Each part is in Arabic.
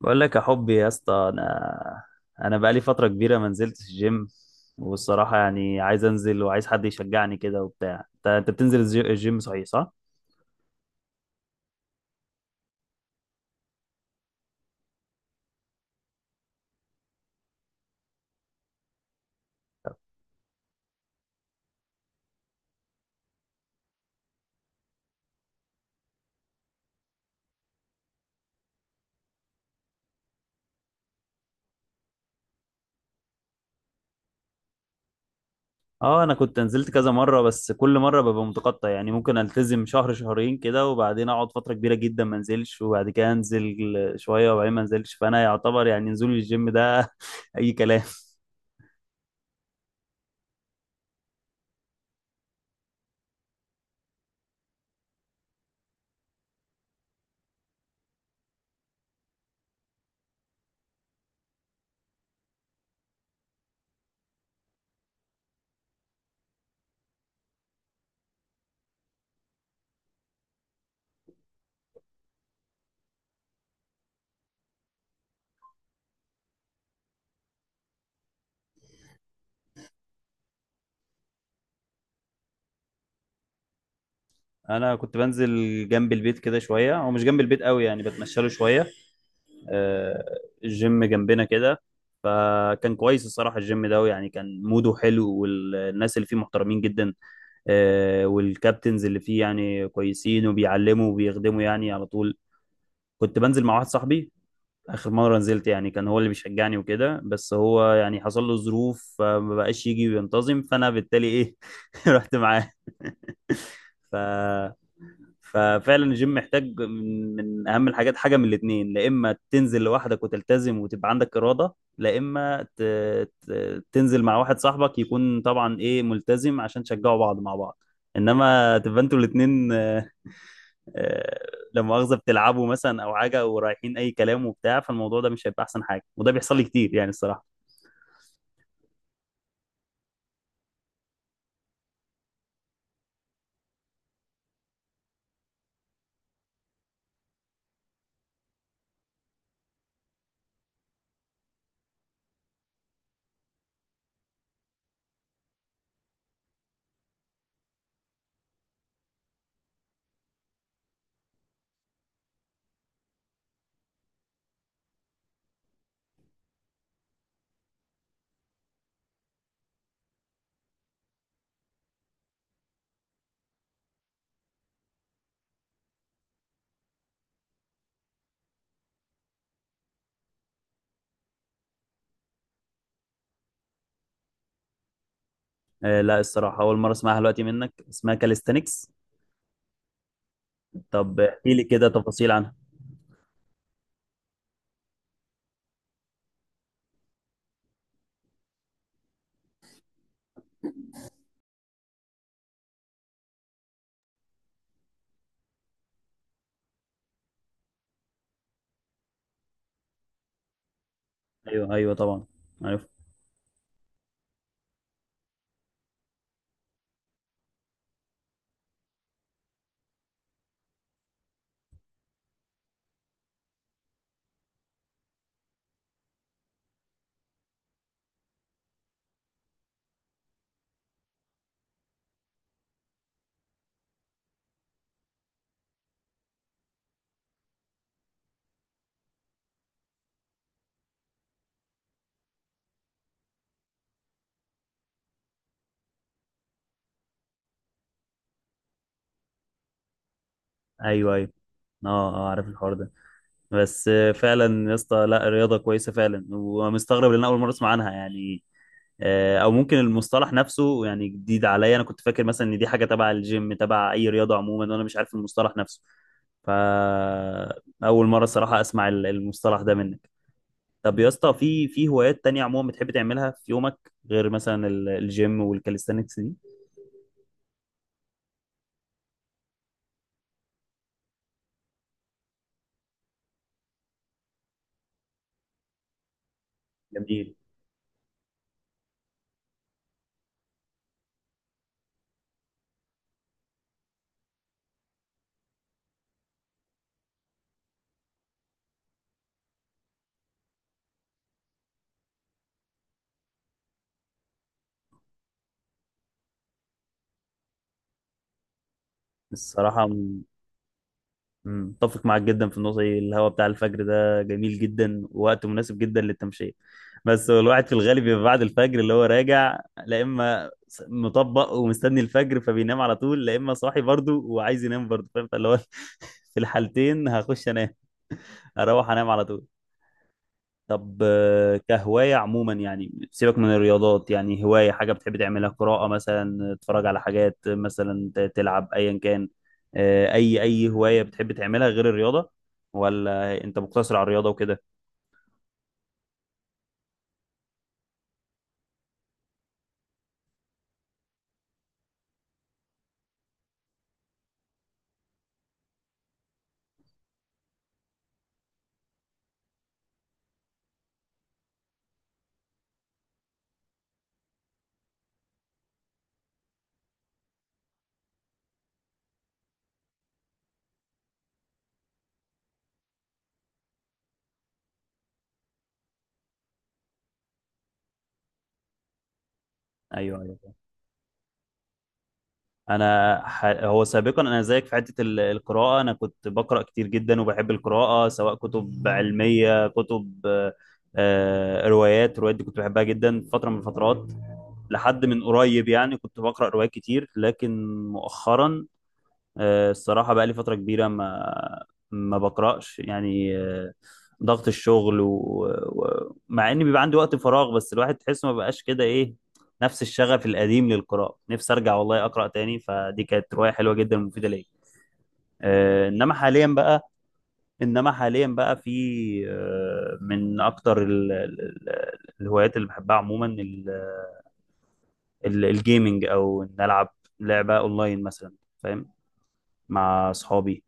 بقول لك يا حبي يا اسطى، انا بقالي فتره كبيره ما نزلتش الجيم. والصراحه يعني عايز انزل وعايز حد يشجعني كده وبتاع. انت بتنزل الجيم، صحيح؟ صح. اه، انا كنت نزلت كذا مره، بس كل مره ببقى متقطع. يعني ممكن التزم شهر شهرين كده وبعدين اقعد فتره كبيره جدا ما انزلش، وبعد كده انزل شويه وبعدين ما انزلش. فانا يعتبر يعني نزول الجيم ده اي كلام. انا كنت بنزل جنب البيت كده شويه، هو مش جنب البيت قوي يعني بتمشى له شويه. آه، الجيم جنبنا كده. فكان كويس الصراحه، الجيم ده يعني كان موده حلو والناس اللي فيه محترمين جدا. والكابتنز اللي فيه يعني كويسين وبيعلموا وبيخدموا يعني على طول. كنت بنزل مع واحد صاحبي. اخر مره نزلت يعني كان هو اللي بيشجعني وكده، بس هو يعني حصل له ظروف فما بقاش يجي وينتظم، فانا بالتالي ايه رحت معاه. ف ففعلا الجيم محتاج من اهم الحاجات، حاجه من الاثنين. لا اما تنزل لوحدك وتلتزم وتبقى عندك اراده، لا اما تنزل مع واحد صاحبك يكون طبعا ايه ملتزم عشان تشجعوا بعض مع بعض. انما تبقى انتوا الاثنين لما مؤاخذة بتلعبوا مثلا او حاجة ورايحين اي كلام وبتاع، فالموضوع ده مش هيبقى احسن حاجة، وده بيحصل لي كتير يعني الصراحة. لا، الصراحة أول مرة أسمعها دلوقتي منك، اسمها كاليستانكس؟ طب احكي لي كده تفاصيل عنها. أيوه أيوه طبعا، عارف. أيوه أيوه. أه. عارف الحوار ده. بس فعلا يا اسطى، لا رياضه كويسه فعلا، ومستغرب لان اول مره اسمع عنها يعني. او ممكن المصطلح نفسه يعني جديد عليا. انا كنت فاكر مثلا ان دي حاجه تبع الجيم، تبع اي رياضه عموما، وانا مش عارف المصطلح نفسه. فاول مره الصراحه اسمع المصطلح ده منك. طب يا اسطى، في هوايات تانية عموما بتحب تعملها في يومك، غير مثلا الجيم والكاليستانكس دي؟ جميل الصراحه. متفق معاك جدا في النقطة دي، الهواء بتاع الفجر ده جميل جدا ووقت مناسب جدا للتمشية. بس هو الواحد في الغالب بيبقى بعد الفجر اللي هو راجع، لا إما مطبق ومستني الفجر فبينام على طول، لا إما صاحي برضه وعايز ينام برضه، فاهم؟ فاللي هو في الحالتين هخش أنام، أروح أنام على طول. طب، كهواية عموما يعني سيبك من الرياضات، يعني هواية حاجة بتحب تعملها. قراءة مثلا، تتفرج على حاجات مثلا، تلعب أيا كان. أي هواية بتحب تعملها غير الرياضة؟ ولا أنت مقتصر على الرياضة وكده؟ أيوه أيوه. هو سابقا انا زيك في حته القراءه. انا كنت بقرا كتير جدا وبحب القراءه، سواء كتب علميه، كتب روايات. روايات دي كنت بحبها جدا فتره من الفترات، لحد من قريب يعني كنت بقرا روايات كتير. لكن مؤخرا الصراحة بقى لي فترة كبيرة ما بقرأش يعني. ضغط الشغل، ومع إن بيبقى عندي وقت فراغ بس الواحد تحسه ما بقاش كده إيه نفس الشغف القديم للقراءة. نفسي أرجع والله أقرأ تاني، فدي كانت رواية حلوة جدا ومفيدة ليا. إنما حاليا بقى، في من أكتر الهوايات اللي بحبها عموما الجيمنج، أو إن ألعب لعبة أونلاين مثلا، فاهم، مع أصحابي.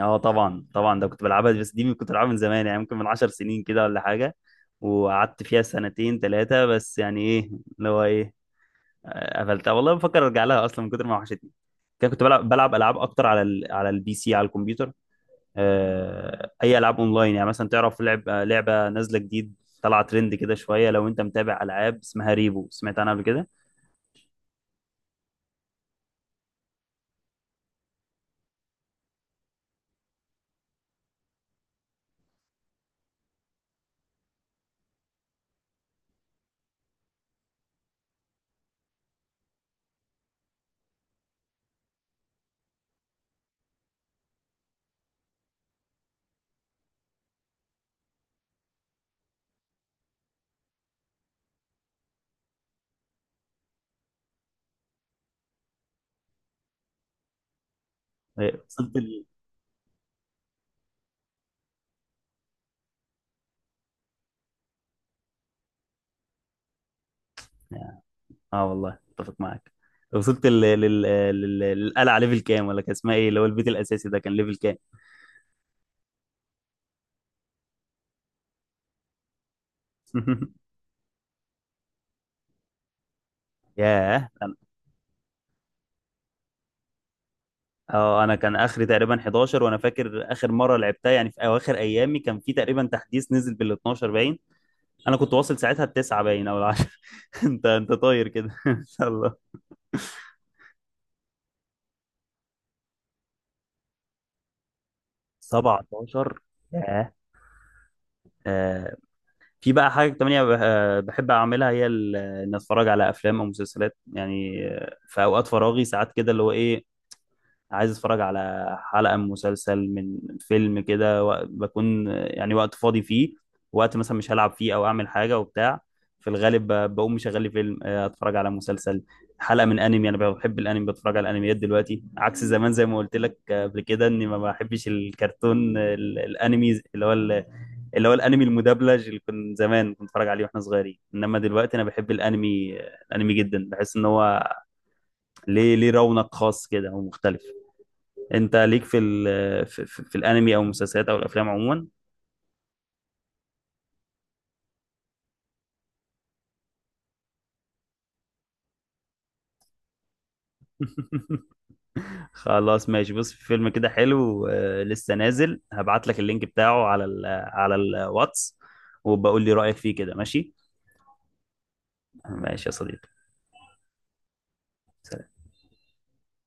اه طبعا طبعا، ده كنت بلعبها. بس دي كنت بلعبها من زمان يعني، ممكن من عشر سنين كده ولا حاجة. وقعدت فيها سنتين ثلاثة بس، يعني ايه، اللي هو ايه، قفلتها. والله بفكر ارجع لها اصلا من كتر ما وحشتني كده. كنت بلعب العاب اكتر على البي سي، على الكمبيوتر. اي العاب اونلاين يعني. مثلا تعرف لعب لعبة نازلة جديد، طلع ترند كده شوية؟ لو انت متابع، العاب اسمها ريبو، سمعت عنها قبل كده؟ وصلت. اه والله اتفق معاك. وصلت للقلعه ليفل كام، ولا كان اسمها ايه اللي هو البيت الاساسي ده، كان ليفل كام؟ ياه أنا- اه، انا كان اخري تقريبا 11. وانا فاكر اخر مره لعبتها يعني في اواخر ايامي كان في تقريبا تحديث نزل بال 12 باين، انا كنت واصل ساعتها التسعه باين او العشرة. انت طاير كده ان شاء الله. 17، ياه. آه. في بقى حاجه تانية بحب اعملها، هي ان اتفرج على افلام او مسلسلات، يعني في اوقات فراغي ساعات كده، اللي هو ايه، عايز اتفرج على حلقة من مسلسل، من فيلم كده، بكون يعني وقت فاضي فيه. وقت مثلا مش هلعب فيه او اعمل حاجة وبتاع. في الغالب بقوم مشغل لي فيلم، اتفرج على مسلسل، حلقة من انمي. انا بحب الانمي، بتفرج على الانميات دلوقتي عكس زمان زي ما قلت لك. قبل كده اني ما بحبش الكرتون، الانمي اللي هو الانمي المدبلج اللي كنت زمان كنت بتفرج عليه واحنا صغيرين. انما دلوقتي انا بحب الانمي، الانمي جدا، بحس ان هو ليه رونق خاص كده ومختلف. انت ليك في في الانمي او المسلسلات او الافلام عموما؟ خلاص ماشي. بص، في فيلم كده حلو لسه نازل، هبعت لك اللينك بتاعه على على الواتس، وبقول لي رأيك فيه كده، ماشي؟ ماشي يا صديقي.